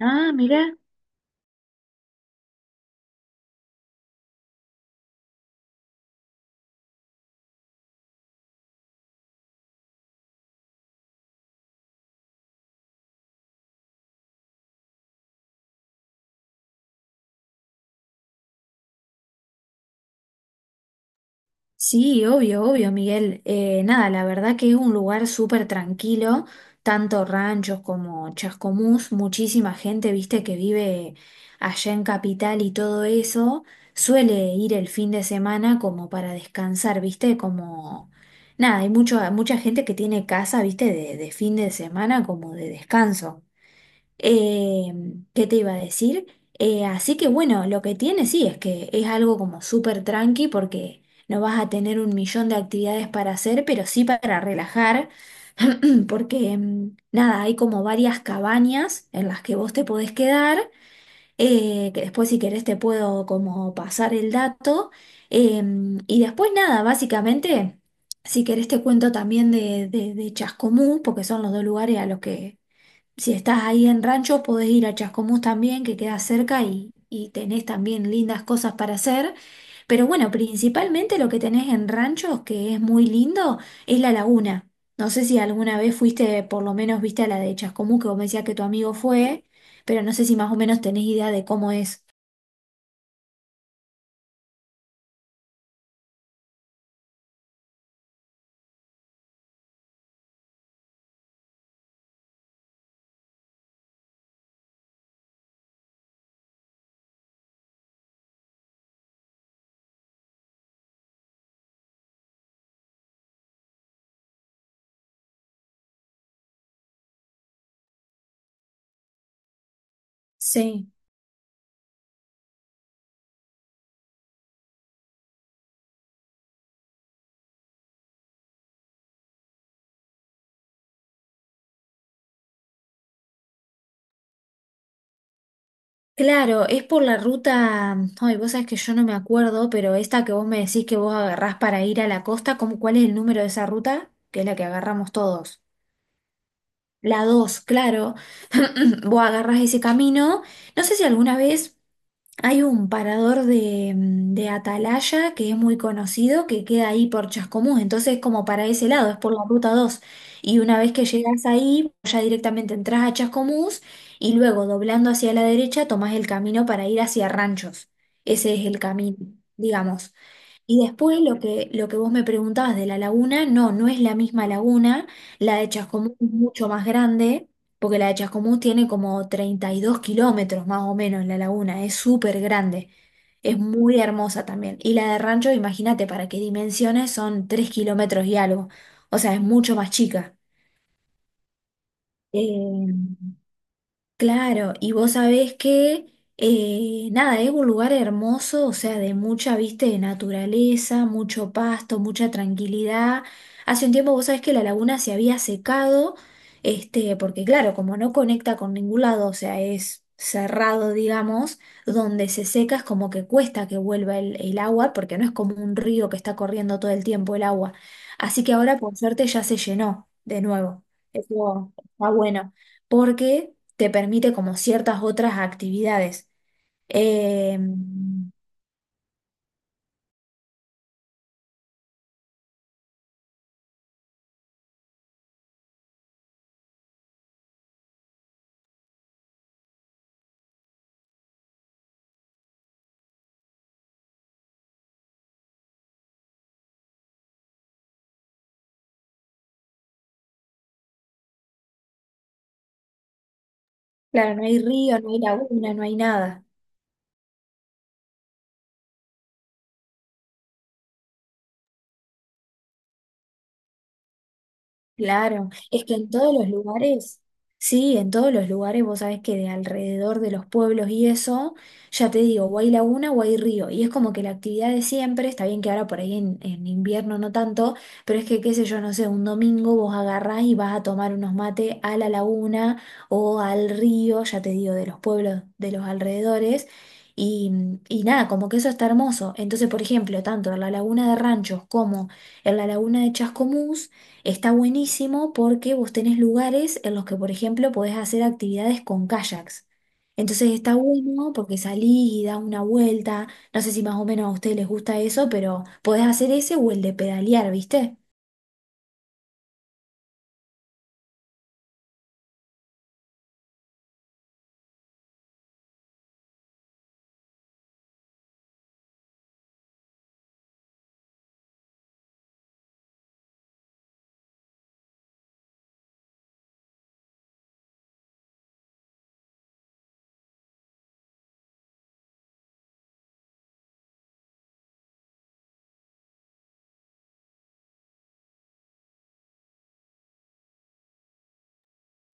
Ah, mira, sí, obvio, obvio, Miguel. Nada, La verdad que es un lugar súper tranquilo, tanto ranchos como Chascomús, muchísima gente, viste, que vive allá en Capital y todo eso, suele ir el fin de semana como para descansar, viste, como... Nada, hay mucha gente que tiene casa, viste, de fin de semana como de descanso. Eh, ¿Qué te iba a decir? Así que bueno, lo que tiene sí es que es algo como súper tranqui porque no vas a tener un millón de actividades para hacer, pero sí para relajar, porque nada, hay como varias cabañas en las que vos te podés quedar, que después si querés te puedo como pasar el dato, y después nada, básicamente... Si querés te cuento también de Chascomú, porque son los dos lugares a los que, si estás ahí en Rancho, podés ir a Chascomús también, que queda cerca y tenés también lindas cosas para hacer. Pero bueno, principalmente lo que tenés en Ranchos, que es muy lindo, es la laguna. No sé si alguna vez fuiste, por lo menos viste a la de Chascomús, que vos me decías que tu amigo fue, pero no sé si más o menos tenés idea de cómo es. Sí. Claro, es por la ruta, ay, vos sabés que yo no me acuerdo, pero esta que vos me decís que vos agarrás para ir a la costa, ¿cómo, cuál es el número de esa ruta? Que es la que agarramos todos. La dos, claro. Vos agarrás ese camino. No sé si alguna vez hay un parador de, de Atalaya que es muy conocido, que queda ahí por Chascomús. Entonces, como para ese lado, es por la ruta dos. Y una vez que llegas ahí, ya directamente entras a Chascomús y luego, doblando hacia la derecha, tomás el camino para ir hacia Ranchos. Ese es el camino, digamos. Y después lo que vos me preguntabas de la laguna, no, no es la misma laguna, la de Chascomús es mucho más grande, porque la de Chascomús tiene como 32 kilómetros más o menos la laguna, es súper grande, es muy hermosa también. Y la de Rancho, imagínate para qué dimensiones, son 3 kilómetros y algo, o sea, es mucho más chica. Eh, Claro, y vos sabés que, nada, es un lugar hermoso, o sea, de mucha, vista de naturaleza, mucho pasto, mucha tranquilidad. Hace un tiempo vos sabés que la laguna se había secado, este, porque claro, como no conecta con ningún lado, o sea, es cerrado, digamos, donde se seca es como que cuesta que vuelva el agua, porque no es como un río que está corriendo todo el tiempo el agua. Así que ahora, por suerte, ya se llenó de nuevo. Eso está bueno, porque te permite como ciertas otras actividades. Eh, claro, no hay río, no hay laguna, no hay nada. Claro, es que en todos los lugares, sí, en todos los lugares, vos sabés que de alrededor de los pueblos y eso, ya te digo, o hay laguna o hay río, y es como que la actividad de siempre, está bien que ahora por ahí en invierno no tanto, pero es que, qué sé yo, no sé, un domingo vos agarrás y vas a tomar unos mates a la laguna o al río, ya te digo, de los pueblos de los alrededores, y, y nada, como que eso está hermoso. Entonces, por ejemplo, tanto en la laguna de Ranchos como en la laguna de Chascomús, está buenísimo porque vos tenés lugares en los que, por ejemplo, podés hacer actividades con kayaks. Entonces está bueno porque salís y da una vuelta. No sé si más o menos a ustedes les gusta eso, pero podés hacer ese o el de pedalear, ¿viste?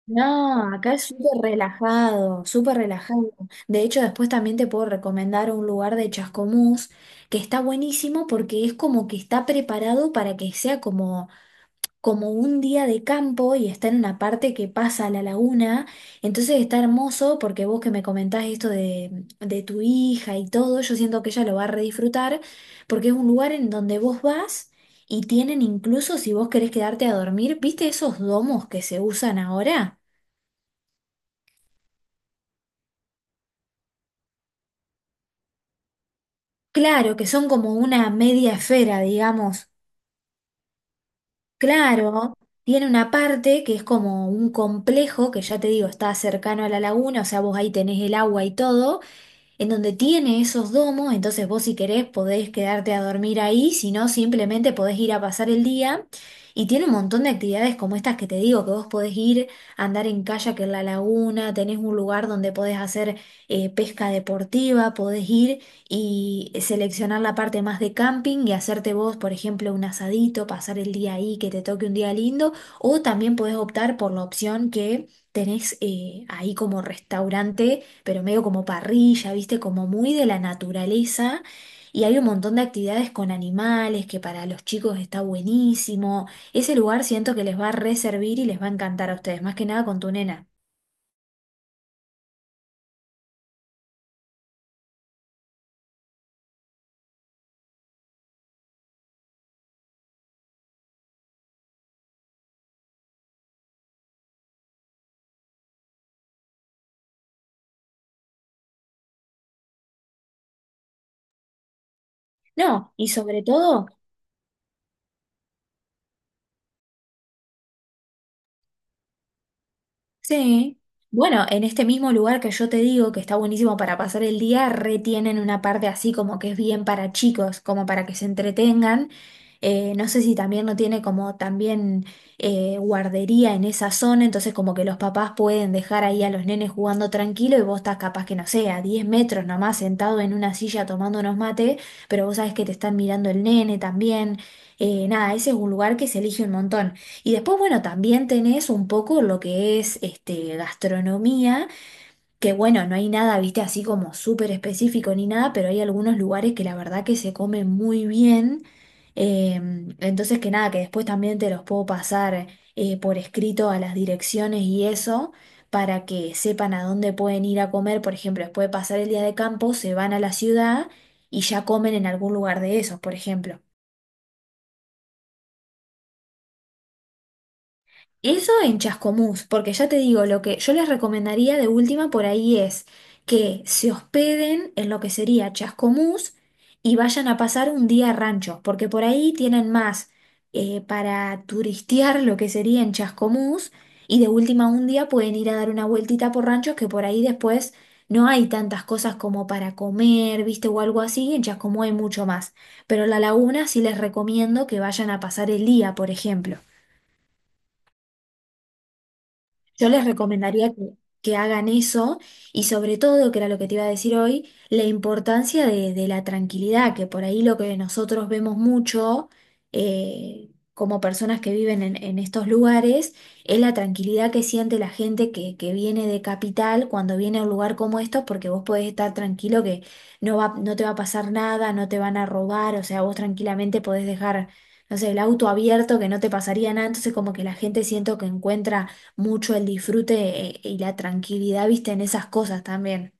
No, acá es súper relajado, súper relajado. De hecho, después también te puedo recomendar un lugar de Chascomús que está buenísimo porque es como que está preparado para que sea como como un día de campo y está en una parte que pasa a la laguna, entonces está hermoso porque vos que me comentás esto de tu hija y todo, yo siento que ella lo va a redisfrutar porque es un lugar en donde vos vas y tienen incluso si vos querés quedarte a dormir, ¿viste esos domos que se usan ahora? Claro, que son como una media esfera, digamos. Claro. Tiene una parte que es como un complejo, que ya te digo, está cercano a la laguna, o sea, vos ahí tenés el agua y todo, en donde tiene esos domos, entonces vos si querés podés quedarte a dormir ahí, si no simplemente podés ir a pasar el día. Y tiene un montón de actividades como estas que te digo, que vos podés ir a andar en kayak en la laguna, tenés un lugar donde podés hacer pesca deportiva, podés ir y seleccionar la parte más de camping y hacerte vos, por ejemplo, un asadito, pasar el día ahí, que te toque un día lindo, o también podés optar por la opción que tenés ahí como restaurante pero medio como parrilla, viste, como muy de la naturaleza. Y hay un montón de actividades con animales que para los chicos está buenísimo. Ese lugar siento que les va a reservir y les va a encantar a ustedes, más que nada con tu nena. No, y sobre todo sí. Bueno, en este mismo lugar que yo te digo que está buenísimo para pasar el día, retienen una parte así como que es bien para chicos, como para que se entretengan. No sé si también no tiene como también guardería en esa zona, entonces como que los papás pueden dejar ahí a los nenes jugando tranquilo y vos estás capaz que no sé, a 10 metros nomás sentado en una silla tomando unos mate, pero vos sabés que te están mirando el nene también. Nada, ese es un lugar que se elige un montón. Y después, bueno, también tenés un poco lo que es este, gastronomía, que bueno, no hay nada, viste, así como súper específico ni nada, pero hay algunos lugares que la verdad que se comen muy bien. Eh, entonces, que nada, que después también te los puedo pasar por escrito a las direcciones y eso, para que sepan a dónde pueden ir a comer. Por ejemplo, después de pasar el día de campo, se van a la ciudad y ya comen en algún lugar de esos, por ejemplo. Eso en Chascomús, porque ya te digo, lo que yo les recomendaría de última por ahí es que se hospeden en lo que sería Chascomús y vayan a pasar un día a rancho, porque por ahí tienen más para turistear lo que sería en Chascomús y de última un día pueden ir a dar una vueltita por ranchos que por ahí después no hay tantas cosas como para comer, viste, o algo así, en Chascomús hay mucho más, pero la laguna sí les recomiendo que vayan a pasar el día, por ejemplo. Yo les recomendaría que hagan eso y sobre todo, que era lo que te iba a decir hoy, la importancia de la tranquilidad, que por ahí lo que nosotros vemos mucho como personas que viven en estos lugares es la tranquilidad que siente la gente que viene de capital cuando viene a un lugar como estos, porque vos podés estar tranquilo que no te va a pasar nada, no te van a robar, o sea, vos tranquilamente podés dejar, no sé, el auto abierto que no te pasaría nada, entonces como que la gente siento que encuentra mucho el disfrute y la tranquilidad, viste, en esas cosas también.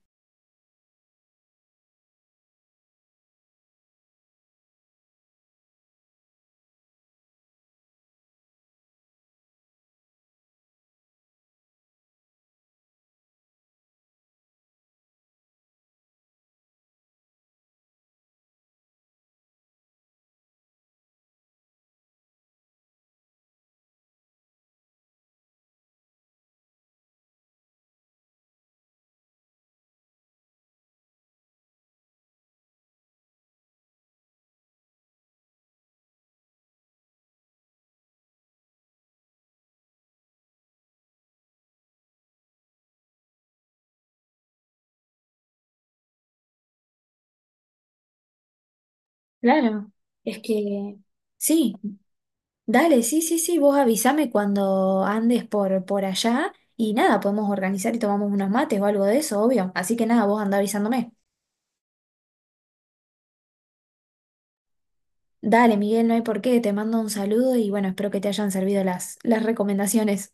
Claro, es que sí, dale, sí, sí, sí, vos avísame cuando andes por allá y nada, podemos organizar y tomamos unos mates o algo de eso, obvio. Así que nada, vos andá avisándome. Dale, Miguel, no hay por qué, te mando un saludo y bueno, espero que te hayan servido las recomendaciones.